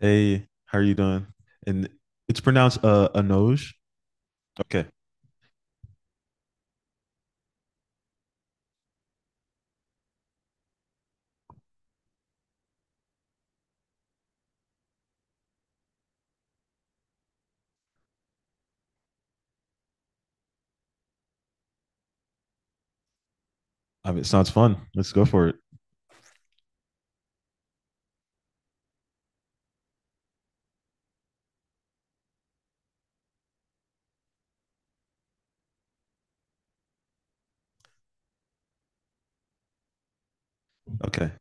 Hey, how are you doing? And it's pronounced Anoj. Okay. I mean, it sounds fun. Let's go for it. Okay.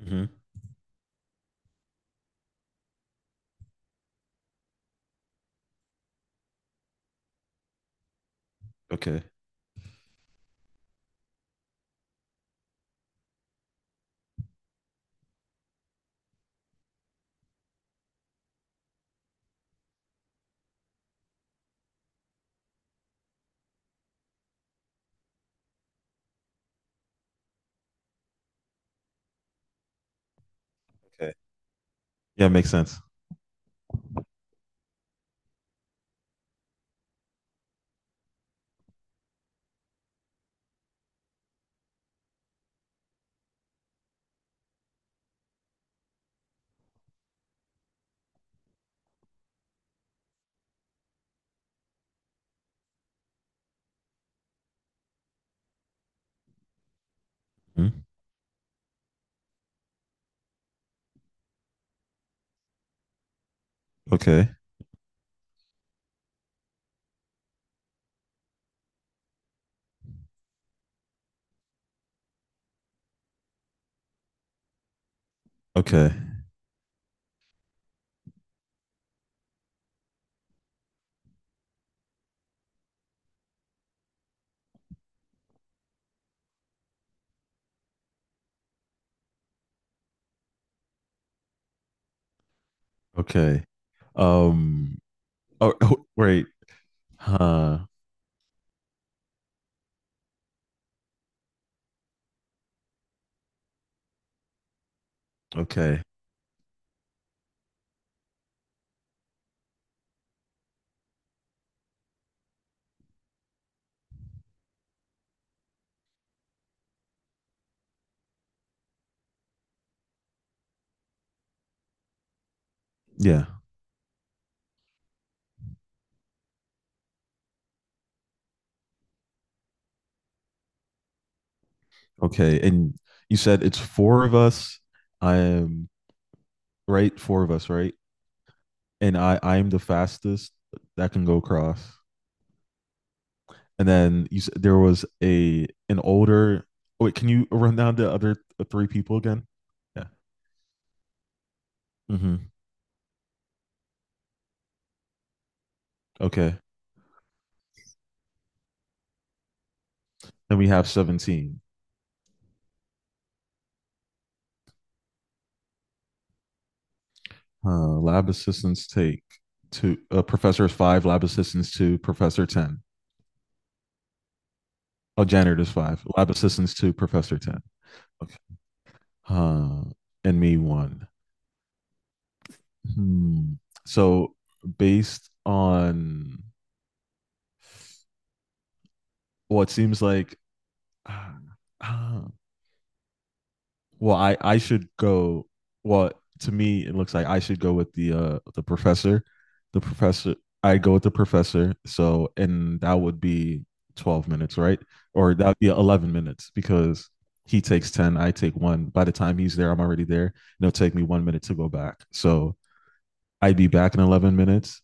Hmm. Okay. Okay. Yeah, makes sense. Mhm. Okay. Okay. Okay. Um. Oh, oh, wait. Huh. Okay. Yeah. Okay. And you said it's four of us. I am right. Four of us, right? And I am the fastest that can go across. And then you, there was a an older. Wait, can you run down the other three people again? Yeah. Mm-hmm. Okay. Then we have 17. Lab assistants take two. Professor is five. Lab assistants two. Professor ten. Oh, janitor is five. Lab assistants two. Professor ten. Okay. Uh, and me one. Hmm. So based on what, well, seems like, ah, ah, well, I should go. Well, to me, it looks like I should go with the professor. I go with the professor. So, and that would be 12 minutes, right? Or that would be 11 minutes because he takes 10, I take one. By the time he's there, I'm already there. And it'll take me 1 minute to go back. So I'd be back in 11 minutes,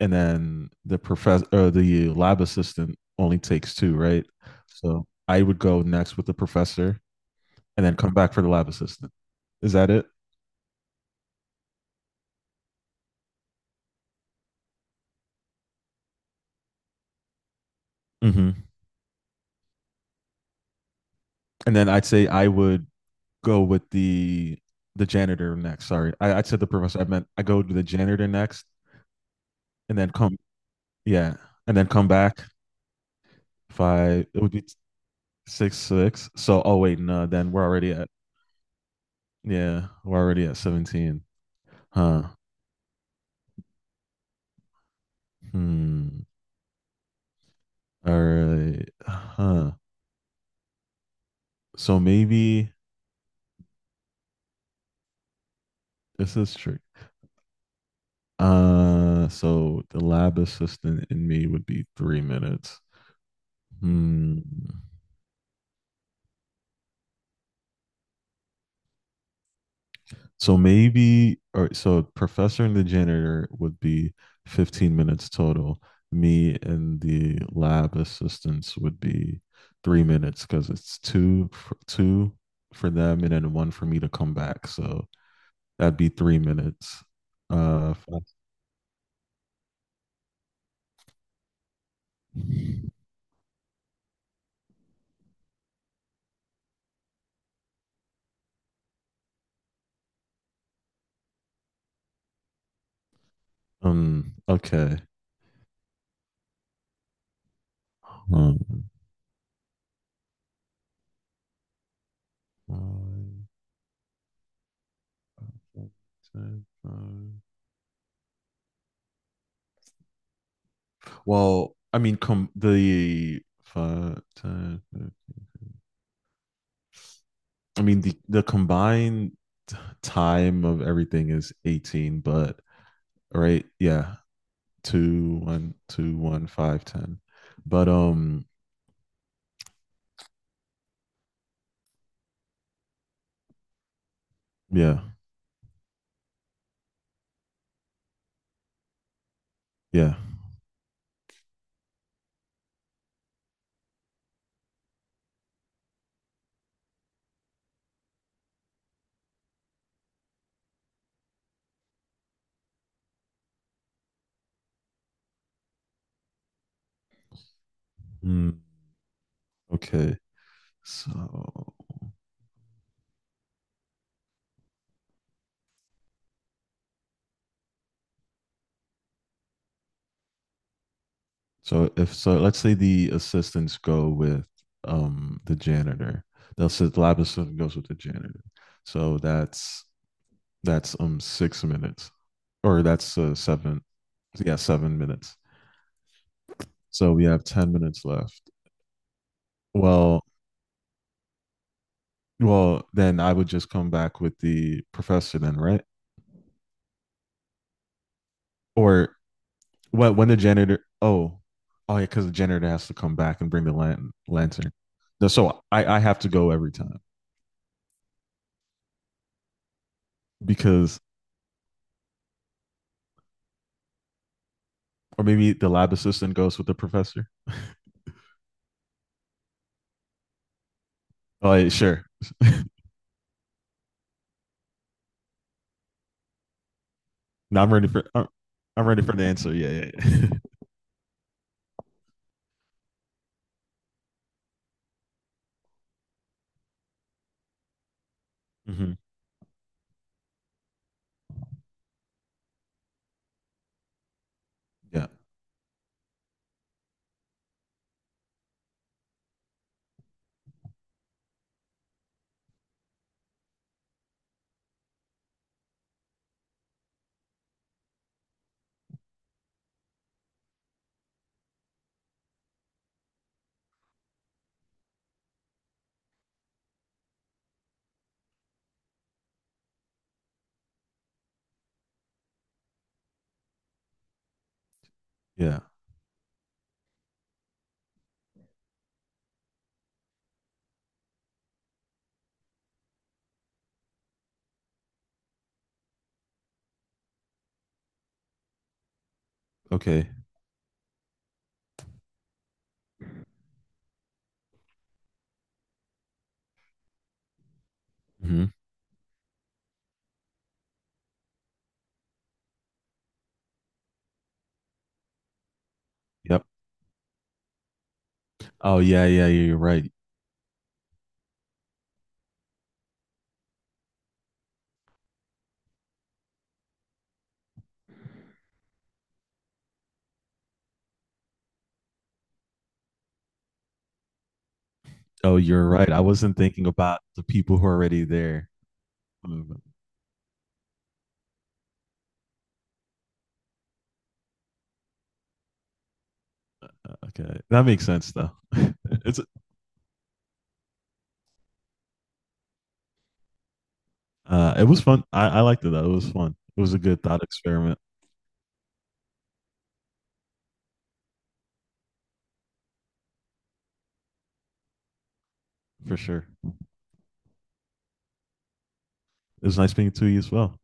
and then the professor, the lab assistant only takes two, right? So I would go next with the professor, and then come back for the lab assistant. Is that it? Mm-hmm. And then I'd say I would go with the janitor next. Sorry, I said the professor. I meant I go to the janitor next, and then come. Yeah, and then come back. If I It would be six. So, oh wait, no. Then we're already at yeah, we're already at 17. Huh. Hmm. All right. Huh. So maybe this is trick. So the lab assistant in me would be 3 minutes. Hmm. So maybe, or so professor and the janitor would be 15 minutes total. Me and the lab assistants would be 3 minutes because it's two for them and then one for me to come back. So that'd be 3 minutes. Uh, five- okay. Um, Five, ten, five. Well, I mean, come the five, ten, five. I mean, the combined time of everything is 18, but right, yeah, two, one, two, one, five, ten. But yeah, yeah. Mm, okay, so so if so, let's say the assistants go with the janitor. They'll say the lab assistant goes with the janitor. So that's 6 minutes, or that's seven. Yeah, 7 minutes. So we have 10 minutes left. Well, Well, then I would just come back with the professor then, right? Or what when the janitor, oh, oh yeah, because the janitor has to come back and bring the lantern. No, so I have to go every time because or maybe the lab assistant goes with the professor. Oh yeah, sure. Now I'm ready for I'm ready for the answer. Yeah, yeah, yeah. hmm Yeah. Yeah. Okay. hmm Yep. Oh yeah, yeah, yeah, you're right. Oh, you're right. I wasn't thinking about the people who are already there. Mm, Okay, that makes sense though. it's it was fun. I liked it though. It was fun. It was a good thought experiment for sure. It was nice being to you as well.